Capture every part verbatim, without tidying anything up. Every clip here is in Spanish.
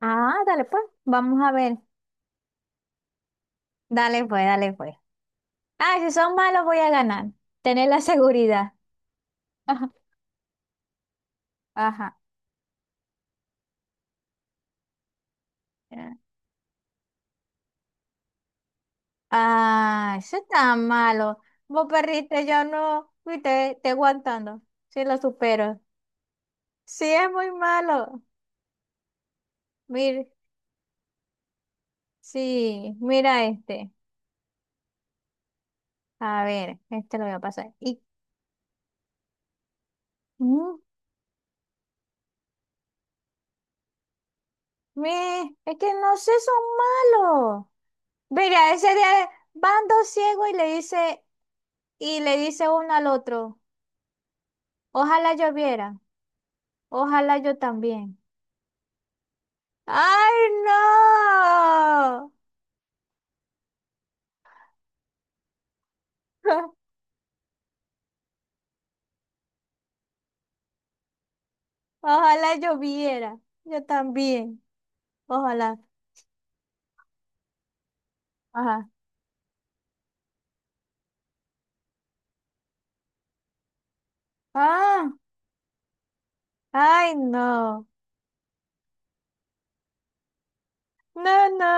Ah, dale pues, vamos a ver. Dale pues, dale pues. Ah, si son malos voy a ganar. Tener la seguridad. Ajá. Ajá. Ah, eso está malo. Vos perdiste, yo no. Viste, te aguantando. Sí, lo supero. Sí, es muy malo. Mira, sí, mira este. A ver, este lo voy a pasar. Y, mm, me, es que no sé, son malos. Mira, ese de van dos ciegos y le dice, y le dice uno al otro. Ojalá lloviera. Ojalá yo también. ¡Ay, no! Ojalá lloviera. Yo también. Ojalá. Ajá. Ah, ay, no. No, no.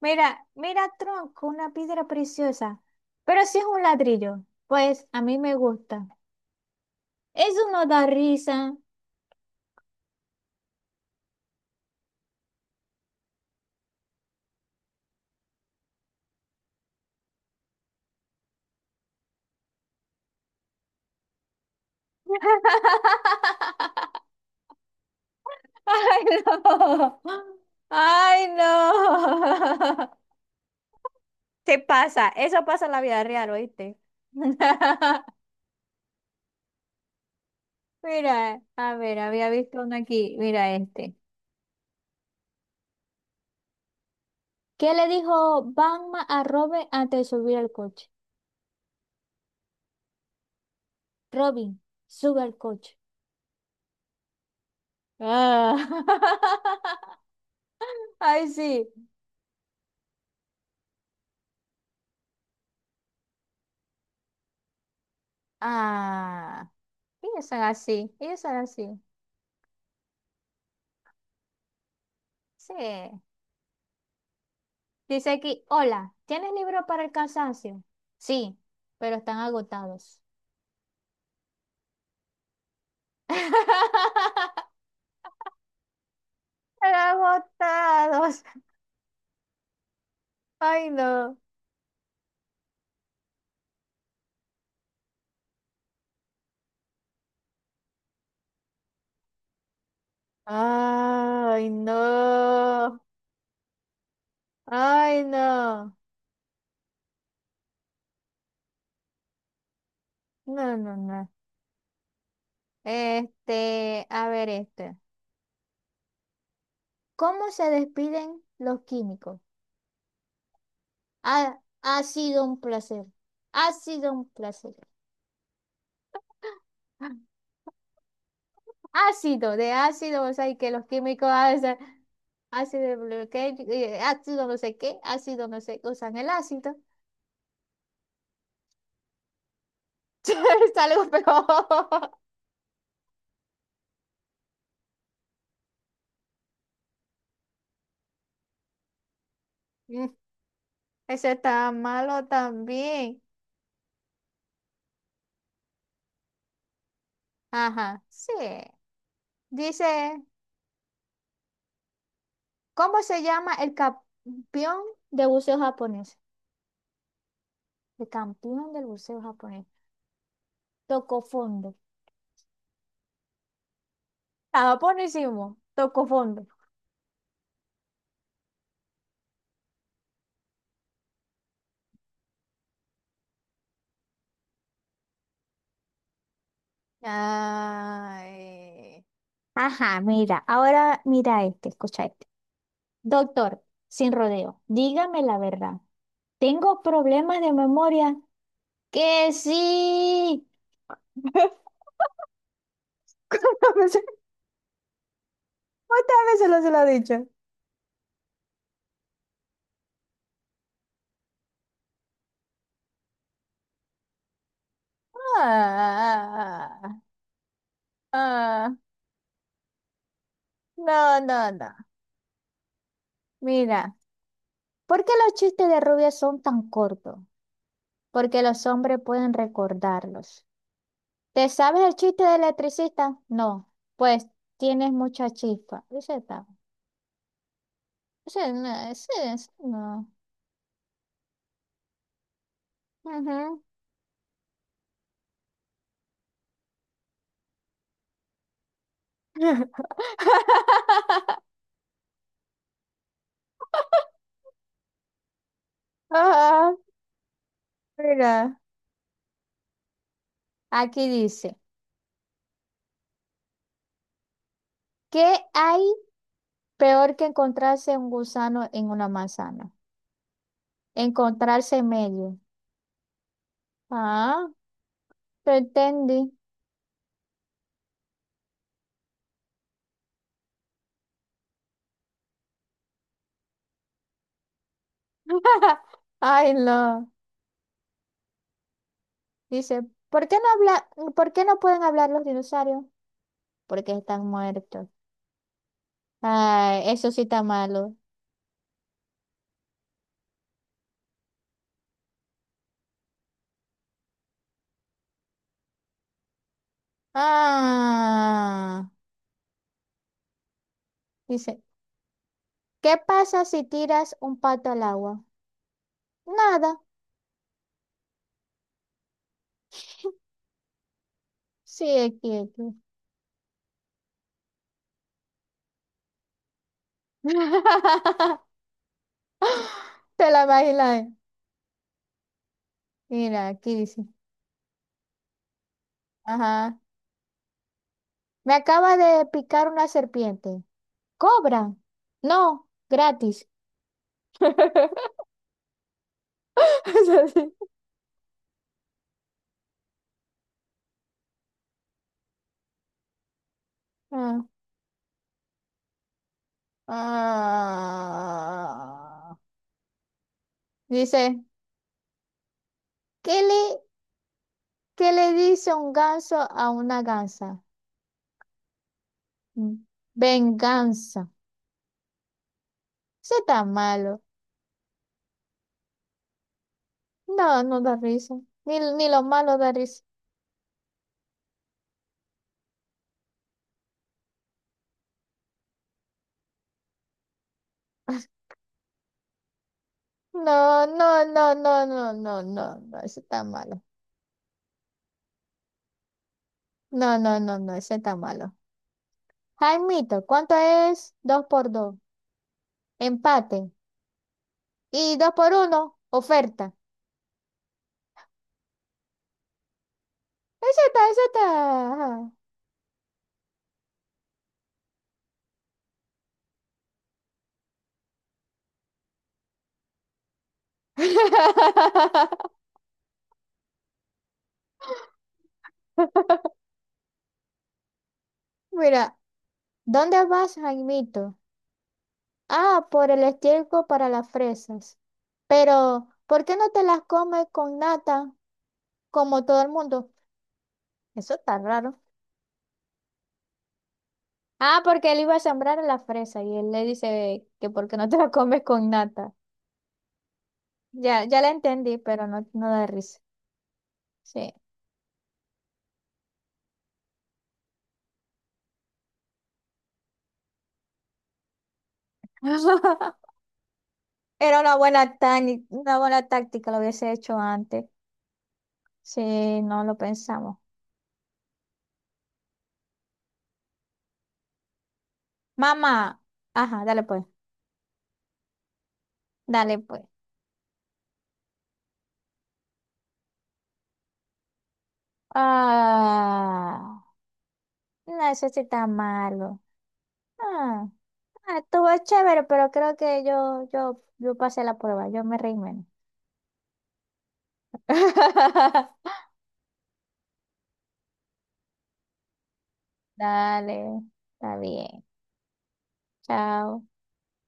Mira, mira, tronco, una piedra preciosa. Pero si es un ladrillo, pues a mí me gusta. Eso no da risa. ¡Ay, no! ¡Ay, no! Se pasa, eso pasa en la vida real, ¿oíste? Mira, a ver, había visto uno aquí, mira este. ¿Qué le dijo Batman a Robin antes de subir al coche? Robin, sube al coche. Ah. Ay, sí. Ah, ellos son así, ellos son así. Sí. Dice aquí, hola, ¿tienes libro para el cansancio? Sí, pero están agotados. Están agotados. Ay, no. Ay, no. Ay, no. No, no, no. Este, a ver este. ¿Cómo se despiden los químicos? Ha, ha sido un placer. Ha sido un placer. Ácido, de ácido, o sea, y que los químicos hacen ácido, de bloque- eh, ácido no sé qué, ácido no sé, usan el ácido. Es algo peor. Mm, Ese está malo también. Ajá, sí. Dice, ¿cómo se llama el campeón de buceo japonés? El campeón del buceo japonés. Tocó fondo. Estaba buenísimo. Tocó fondo. Ay. Ajá, mira, ahora mira este, escucha este. Doctor, sin rodeo, dígame la verdad. ¿Tengo problemas de memoria? Que sí. ¿Cuántas veces, cuántas veces lo se lo he dicho? Ah, ah, no, no, no. Mira, ¿por qué los chistes de rubia son tan cortos? Porque los hombres pueden recordarlos. ¿Te sabes el chiste del electricista? No. Pues tienes mucha chispa. Ese está. Ese no, ese, ese no. Ujú. Ah, mira, aquí dice, ¿qué hay peor que encontrarse un gusano en una manzana? Encontrarse en medio. Ah, te entendí. Ay, no. Dice, ¿por qué no habla, ¿por qué no pueden hablar los dinosaurios? Porque están muertos. Ay, eso sí está malo. Ah, dice, ¿qué pasa si tiras un pato al agua? Nada, sigue quieto. Te la imaginas. Mira, aquí dice. Ajá. Me acaba de picar una serpiente. ¿Cobran? No, gratis. Es así. Ah. Ah. Dice, ¿qué le, ¿qué le dice un ganso a una gansa? Mm, Venganza. Eso está malo. No, no da risa. Ni, ni lo malo da risa. No, no, no, no, no, no, no, no, ese está malo. No, no, no, no, ese está malo. Jaimito, ¿cuánto es dos por dos? Empate. Y dos por uno, oferta. Esa está, esa está. Ajá. Mira, ¿dónde vas, Jaimito? Ah, por el estiércol para las fresas. Pero, ¿por qué no te las comes con nata como todo el mundo? Eso está raro. Ah, porque él iba a sembrar las fresas y él le dice que por qué no te las comes con nata. Ya, ya la entendí, pero no, no da risa. Sí. Era una buena, tani- una buena táctica, lo hubiese hecho antes. Sí, no lo pensamos. Mamá, ajá, dale pues, dale pues. Ah, no, eso sí está malo. Ah, ah, estuvo chévere, pero creo que yo, yo, yo pasé la prueba, yo me reí menos. Dale, está bien, chao.